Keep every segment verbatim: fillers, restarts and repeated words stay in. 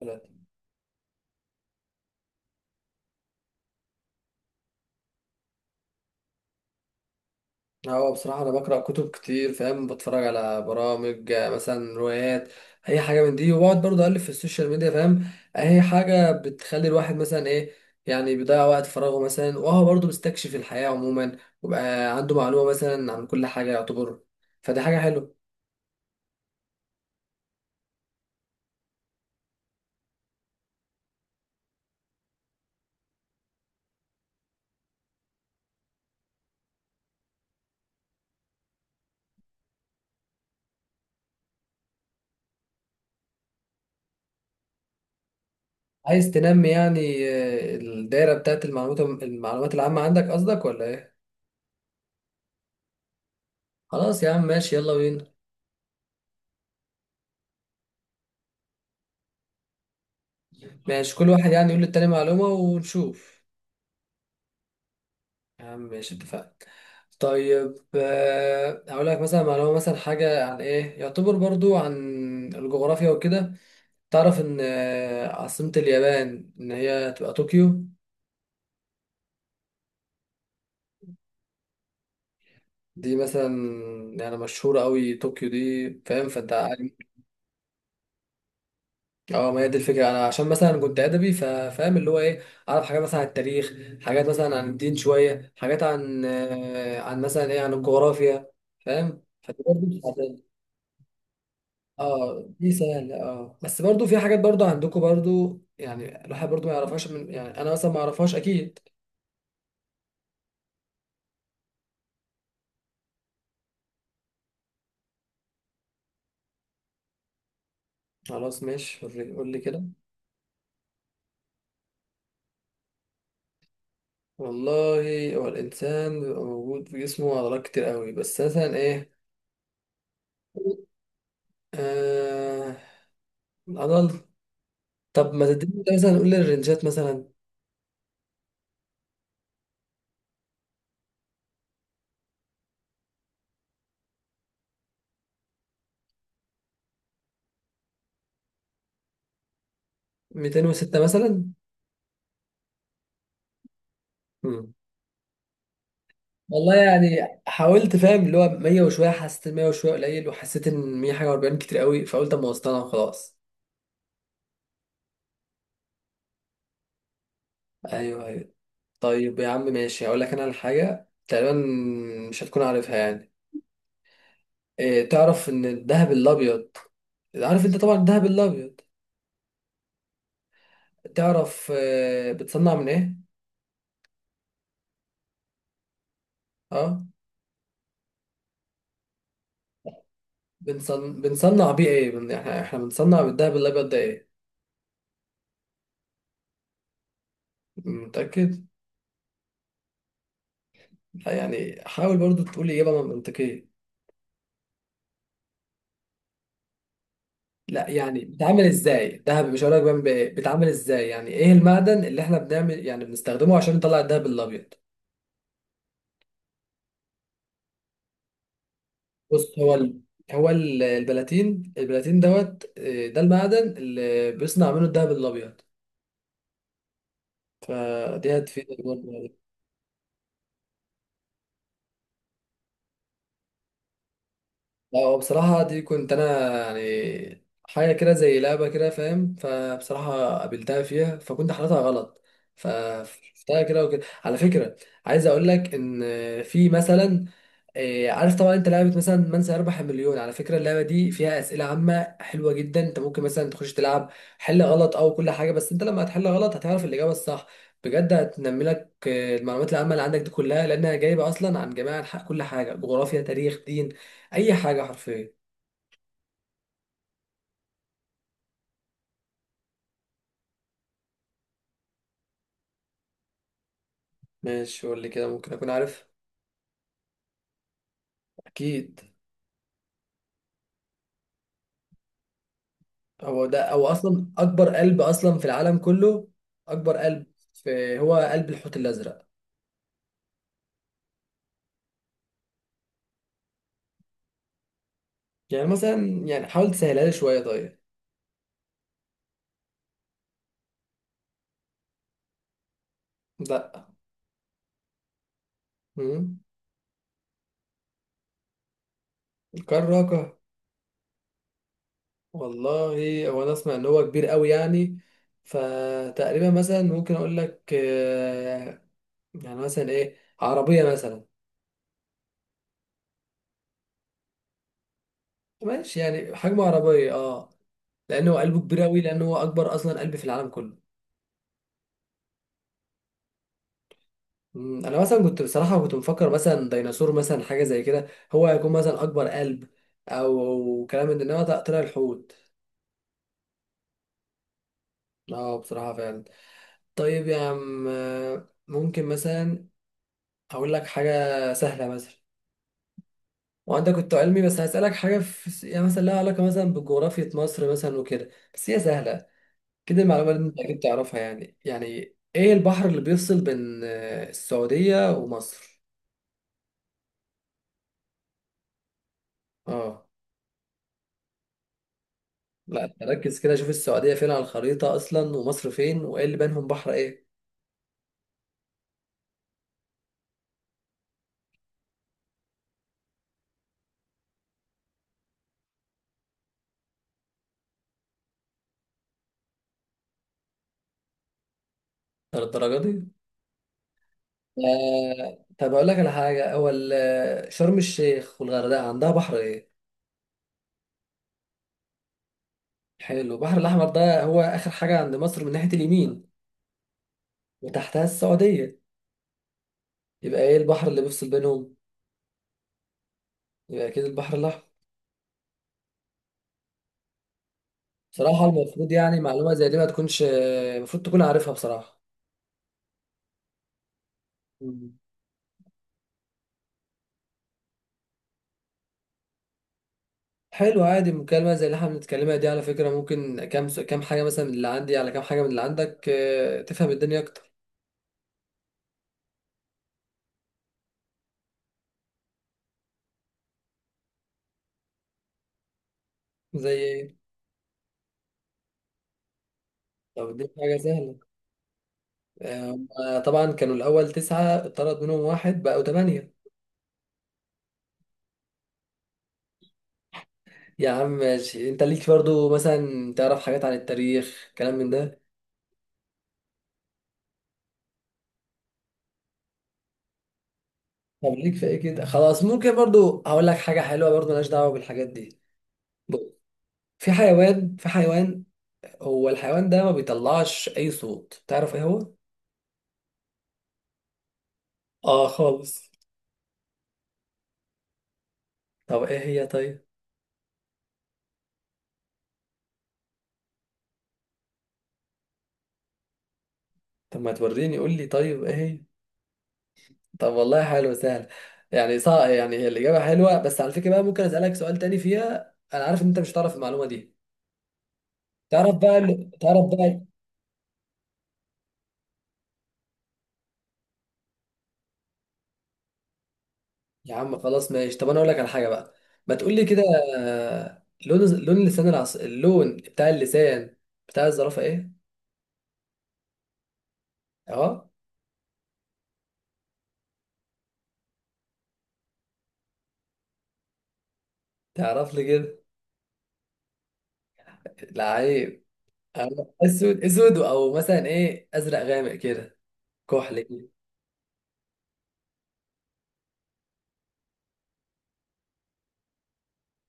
ثلاثة. هو بصراحة أنا بقرأ كتب كتير، فاهم؟ بتفرج على برامج، آه، مثلا روايات، أي حاجة من دي. وبقعد برضه أقلب في السوشيال ميديا، فاهم؟ أي حاجة بتخلي الواحد مثلا، إيه يعني، بيضيع وقت فراغه مثلا، وهو برضه بيستكشف الحياة عموما، وبقى عنده معلومة مثلا عن كل حاجة، يعتبر. فدي حاجة حلوة. عايز تنمي، يعني، آه، الدايرة بتاعت المعلومات المعلومات العامة عندك، قصدك، ولا إيه؟ خلاص يا عم، ماشي، يلا بينا. ماشي، كل واحد يعني يقول للتاني معلومة ونشوف. يا عم ماشي، اتفقنا. طيب، آه، هقول لك مثلا معلومة، مثلا حاجة عن ايه، يعتبر برضو عن الجغرافيا وكده. تعرف ان آه، عاصمة اليابان ان هي تبقى طوكيو. دي مثلا يعني مشهورة قوي، طوكيو دي، فاهم؟ فانت عارف- اه ما هي دي الفكرة، انا عشان مثلا كنت ادبي، فا- فاهم اللي هو ايه، اعرف حاجات مثلا عن التاريخ، حاجات مثلا عن الدين، شوية حاجات عن آه، عن مثلا ايه، عن الجغرافيا. فاهم؟ فدي برضو. اه دي سهلة، اه، بس برضو في حاجات برضو عندكم برضو، يعني الواحد برضو ما يعرفهاش، من يعني انا مثلا ما اعرفهاش اكيد. خلاص ماشي، وري- قول لي كده. والله. هو الانسان بيبقى موجود في جسمه عضلات كتير قوي، بس مثلا ايه. آه، العضل. طب ما تديني كده مثلا، قول لي الرنجات مثلا. ميتين وستة مثلا. مم. والله يعني، حاولت فاهم، اللي هو مية وشويه، حسيت مية وشويه قليل، وحسيت ان مية حاجه و40 كتير قوي، فقلت اما اوصلها خلاص. ايوه ايوه. طيب يا عم ماشي، هقول لك انا على حاجه تقريبا مش هتكون عارفها يعني. إيه، تعرف ان الذهب الابيض، عارف انت طبعا الذهب الابيض، تعرف آه، بتصنع من ايه؟ اه. بنصن... بنصنع بيه ايه، بن... احنا احنا بنصنع بالذهب الابيض ده ايه؟ متاكد؟ لا، يعني حاول برضو تقول اجابه منطقيه. لا يعني بيتعمل ازاي الذهب، مش هقول لك بيعمل بإيه، بيتعمل ازاي، يعني ايه المعدن اللي احنا بنعمل يعني بنستخدمه عشان نطلع الذهب الابيض. بص هو ال... هو ال- البلاتين، البلاتين دوت آه، ده المعدن اللي بيصنع منه الدهب الابيض. فدي هتفيدك برضه يعني. لا هو بصراحه دي كنت انا يعني حاجه كده زي لعبه كده، فاهم؟ فبصراحه قابلتها فيها، فكنت حالتها غلط، فشفتها كده وكده على فكره. عايز اقول لك ان في مثلا إيه، عارف طبعا انت لعبة مثلا من سيربح المليون، على فكرة اللعبة دي فيها أسئلة عامة حلوة جدا، انت ممكن مثلا تخش تلعب، حل غلط او كل حاجة، بس انت لما هتحل غلط هتعرف الإجابة الصح، بجد هتنمي لك آه، المعلومات العامة اللي عندك دي كلها، لأنها جايبة أصلا عن جميع أنحاء كل حاجة، جغرافيا تاريخ دين، أي حاجة حرفيا. ماشي قول لي كده، ممكن أكون عارف. أكيد. هو ده أو أصلا أكبر قلب أصلا في العالم كله، أكبر قلب في، هو قلب الحوت الأزرق. يعني مثلا يعني حاول تسهلها لي شوية طيب. لا. مم. كراكة. والله هو انا اسمع ان هو كبير قوي يعني، فتقريبا مثلا ممكن اقول لك آه، يعني مثلا ايه، عربية مثلا. ماشي، يعني حجم عربية، اه، لانه قلبه كبير قوي، لانه هو اكبر اصلا قلب في العالم كله. مم. انا مثلا كنت بصراحة كنت مفكر مثلا ديناصور، مثلا حاجة زي كده، هو هيكون مثلا اكبر قلب، او كلام من ده، انما طلع طلع الحوت. اه بصراحة فعلا. طيب يا عم، آه، ممكن مثلا اقول لك حاجة سهلة مثلا، وانت كنت علمي، بس هسألك حاجة في يعني مثلا لها علاقة مثلا بجغرافية مصر مثلا وكده، بس هي سهلة كده، المعلومة اللي انت اكيد تعرفها يعني يعني. ايه البحر اللي بيفصل بين آه، السعودية ومصر؟ اه. لا ركز كده، شوف السعودية فين على الخريطة اصلا، ومصر فين، وايه اللي بينهم، بحر ايه؟ ده الدرجة دي؟ آه، طب اقول لك على حاجة، هو ال- شرم الشيخ والغردقة عندها بحر ايه؟ حلو، البحر الاحمر ده هو اخر حاجة عند مصر من ناحية اليمين، وتحتها السعودية، يبقى ايه البحر اللي بيفصل بينهم؟ يبقى اكيد البحر الاحمر. بصراحه المفروض يعني معلومه زي دي ما تكونش، المفروض تكون عارفها بصراحه. مم. حلو، عادي، مكالمه زي اللي احنا بنتكلمها دي، على فكره، ممكن كام س- كام حاجه مثلا من اللي عندي، على كام حاجه من اللي عندك، آه، تفهم الدنيا اكتر. زي ايه؟ طب دي حاجه سهله، آه، هما طبعا كانوا الاول تسعه، اتطرد منهم واحد بقوا ثمانيه. يا عم ماشي، انت ليك برضو مثلا تعرف حاجات عن التاريخ كلام من ده. طب ليك في ايه كده، خلاص ممكن برضو هقول لك حاجه حلوه برضو ملهاش دعوه بالحاجات دي. ب- في حيوان في حيوان، هو الحيوان ده ما بيطلعش اي صوت، تعرف ايه هو؟ اه خالص. طب ايه هي طيب؟ طب ما توريني، قول لي طيب ايه هي. طب والله، حلو، سهل. يعني صح، يعني هي الاجابه حلوه، بس على فكره بقى ممكن اسالك سؤال تاني فيها، انا عارف ان انت مش هتعرف المعلومه دي. تعرف بقى ال- تعرف بقى، يا عم خلاص ماشي، طب انا اقول لك على حاجه بقى. ما تقول لي كده. آه، لون لون لسان العص... اللون بتاع اللسان بتاع الزرافه ايه؟ اهو. تعرف لي كده. لعيب. أو اسود اسود، او مثلا ايه، ازرق غامق كده، كحل كده.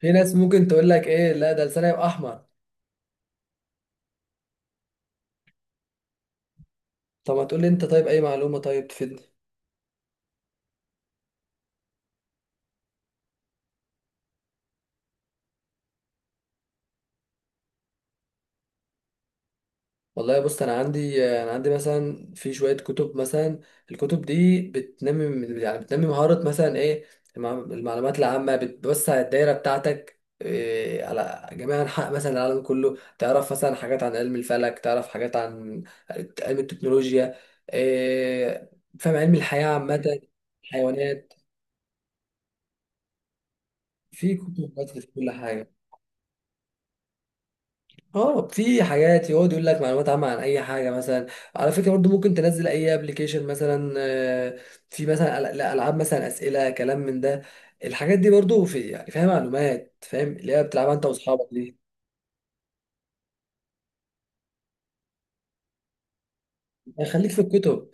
في ناس ممكن تقول لك ايه، لا ده لسانها يبقى احمر. طب ما تقول لي انت طيب اي معلومه طيب تفيدني. والله بص، انا عندي انا عندي مثلا في شويه كتب مثلا. الكتب دي بتنمي من- يعني بتنمي مهاره مثلا ايه؟ المع- المعلومات العامه بتوسع الدايره بتاعتك، إيه، على جميع انحاء مثلا العالم كله، تعرف مثلا حاجات عن علم الفلك، تعرف حاجات عن علم التكنولوجيا، إيه، فاهم، علم الحياه عامه، الحيوانات، في كتب بس في كل حاجه. اه في حاجات يقعد يقول لك معلومات عامة عن أي حاجة مثلا. على فكرة برضو ممكن تنزل أي ابلكيشن مثلا، آه، في مثلا أل- لا، ألعاب مثلا أسئلة كلام من ده، الحاجات دي برضو في يعني فيها معلومات، فاهم اللي هي بتلعبها أنت وأصحابك دي. يعني خليك في الكتب.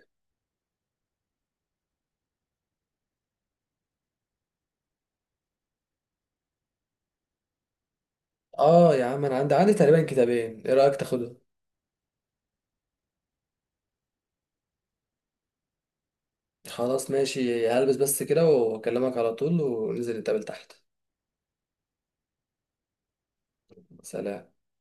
اه يا عم، أنا عندي، عندي تقريبا كتابين. إيه رأيك تاخدهم؟ خلاص ماشي، هلبس بس كده وأكلمك على طول، وننزل نتقابل تحت. سلام.